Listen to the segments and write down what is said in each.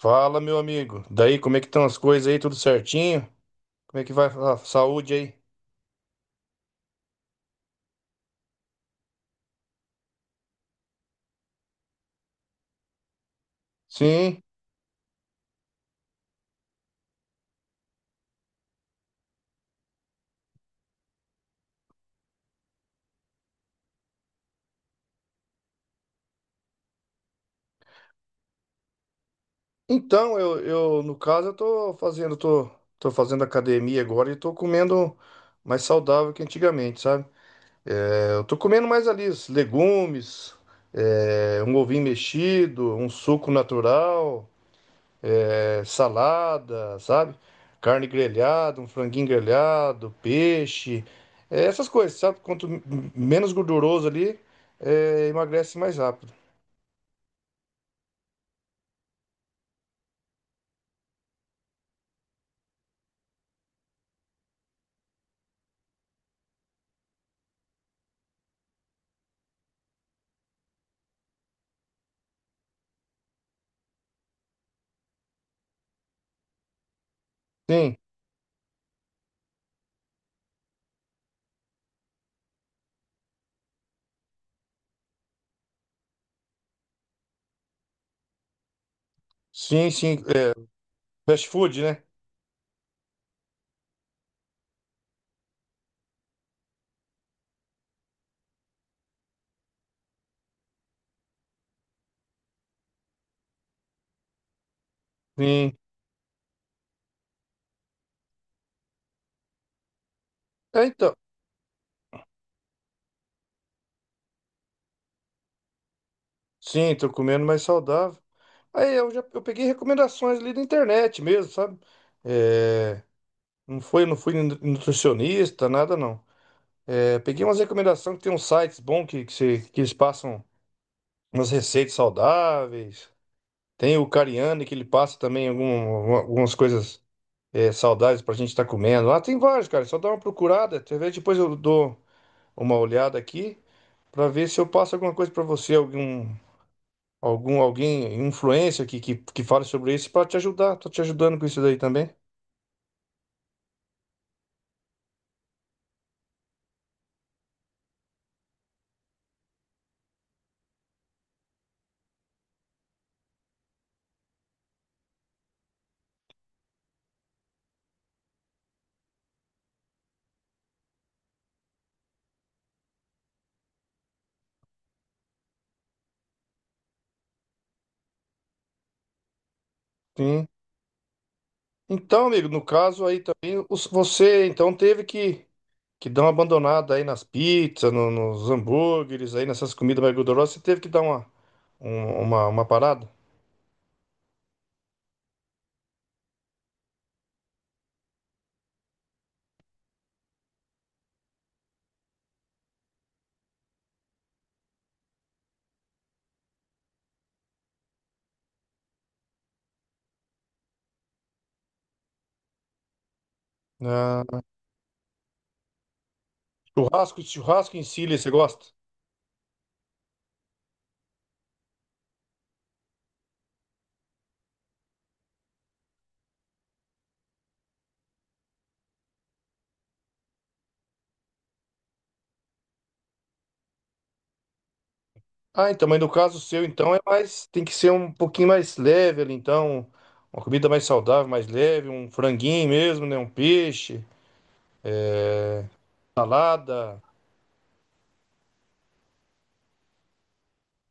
Fala, meu amigo. Daí, como é que estão as coisas aí? Tudo certinho? Como é que vai a saúde aí? Sim. Então, eu no caso, eu tô tô fazendo academia agora e tô comendo mais saudável que antigamente, sabe? Eu tô comendo mais ali os legumes, um ovinho mexido, um suco natural. Salada, sabe? Carne grelhada, um franguinho grelhado, peixe, essas coisas, sabe? Menos gorduroso ali, emagrece mais rápido. Sim, sim, sim. Fast food, né? Sim. É, então. Sim, tô comendo mais saudável. Aí eu já eu peguei recomendações ali da internet mesmo, sabe? É, não foi, nutricionista, nada não. Peguei umas recomendações, que tem uns sites bons que, se- que eles passam umas receitas saudáveis. Tem o Cariani, que ele passa também algumas coisas saudáveis pra gente estar comendo. Lá tem vários, cara. Só dá uma procurada. Talvez depois eu dou uma olhada aqui pra ver se eu passo alguma coisa pra você, algum, alguém, influencer que fale sobre isso pra te ajudar. Tô te ajudando com isso daí também. Sim. Então, amigo, no caso aí também, você então teve que dar uma abandonada aí nas pizzas, nos hambúrgueres, aí nessas comidas mais gordurosas. Você teve que dar uma, uma parada? Ah, churrasco, churrasco em Sicília, você gosta? Ah, então, mas no caso seu, então, é mais. Tem que ser um pouquinho mais leve ali, então. Uma comida mais saudável, mais leve, um franguinho mesmo, né? Um peixe, salada.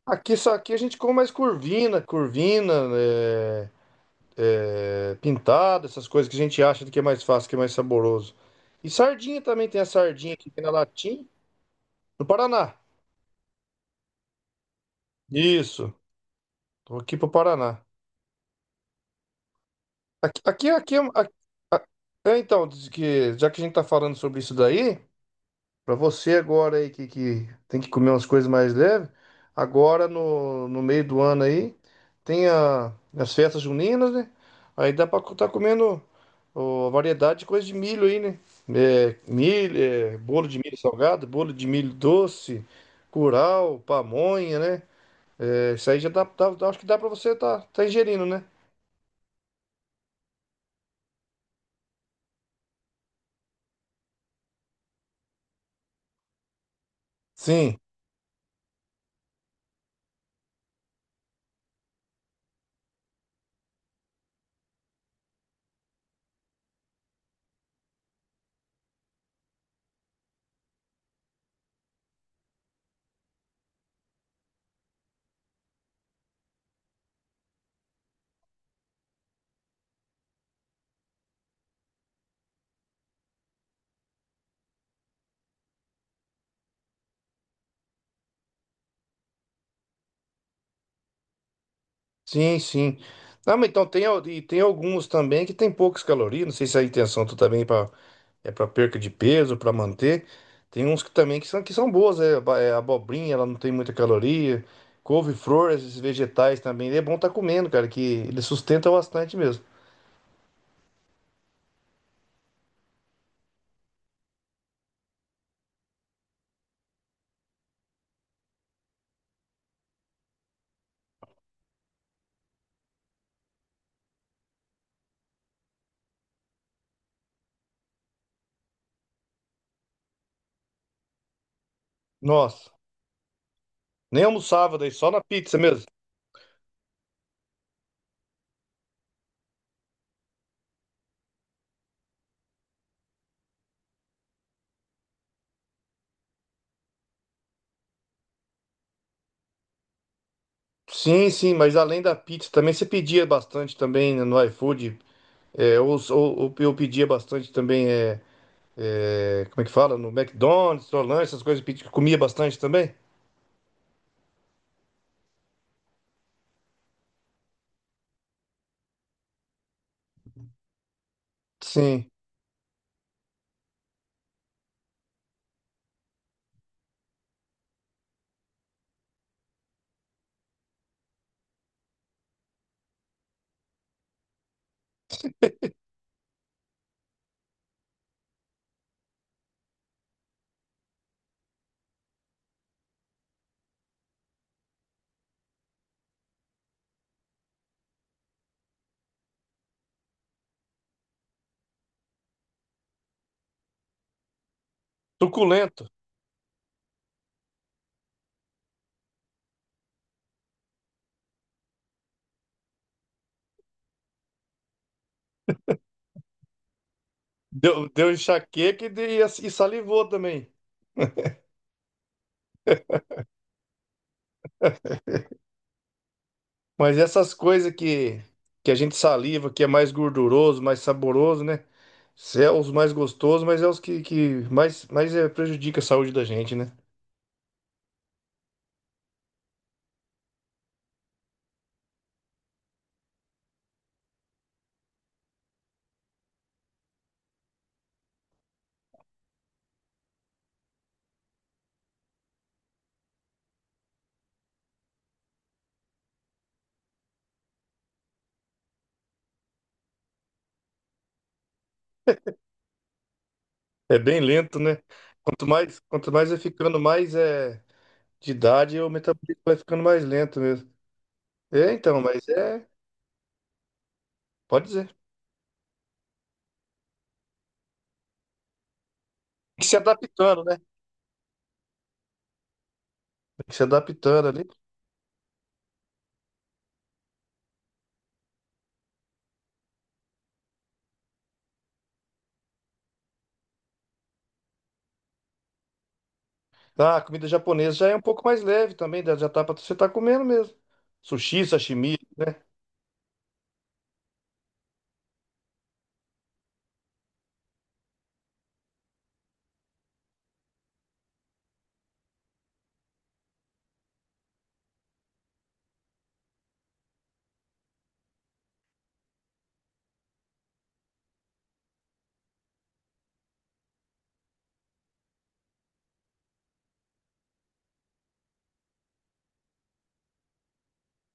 Aqui, só aqui a gente come mais curvina, curvina, pintada, essas coisas que a gente acha que é mais fácil, que é mais saboroso. E sardinha também, tem a sardinha aqui na latim, no Paraná. Isso, tô aqui pro Paraná. Aqui, aqui, aqui, aqui- a- então, diz que, já que a gente tá falando sobre isso daí, para você agora aí que tem que comer umas coisas mais leves, agora no meio do ano aí, tem as festas juninas, né? Aí dá para tá comendo ó, variedade de coisa de milho aí, né? É, milho, é, bolo de milho salgado, bolo de milho doce, curau, pamonha, né? É, isso aí já dá, acho que dá para você tá, tá ingerindo, né? Sim. Sim, sim. Não, mas então tem, e tem alguns também que tem poucas calorias. Não sei se a intenção tu também é pra, é para perca de peso, para manter. Tem uns que também que são boas, é abobrinha, ela não tem muita caloria. Couve-flor, esses vegetais também. É bom tá comendo, cara, que ele sustenta bastante mesmo. Nossa, nem almoçava daí, só na pizza mesmo. Sim, sim, mas além da pizza também você pedia bastante também no iFood. É, ou eu pedia bastante também. É, é, como é que fala? No McDonald's, Solange, essas coisas que comia bastante também? Sim. Suculento. Deu, deu enxaqueca e, e salivou também. Mas essas coisas que a gente saliva, que é mais gorduroso, mais saboroso, né? Cê é os mais gostosos, mas é os que mais, prejudica a saúde da gente, né? É bem lento, né? Quanto mais é ficando mais de idade, o metabolismo vai ficando mais lento mesmo. É, então, mas é. Pode dizer. Se adaptando, né? Se adaptando ali. Ah, a comida japonesa já é um pouco mais leve também, já já tá pra você tá comendo mesmo. Sushi, sashimi, né?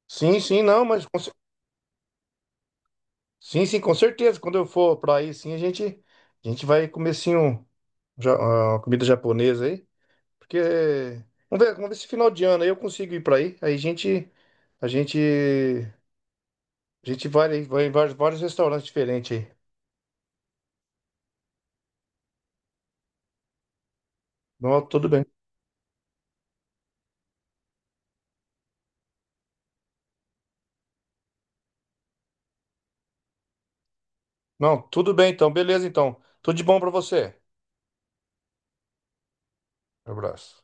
Sim, sim, não, mas sim, sim, com certeza. Quando eu for pra aí, sim, a gente vai comer sim um, ah, uma comida japonesa aí, porque vamos ver se final de ano aí eu consigo ir pra aí. Aí a gente a gente vai aí, vai em vários, vários restaurantes diferentes aí. Não, tudo bem. Não, tudo bem então. Beleza então. Tudo de bom pra você. Abraço.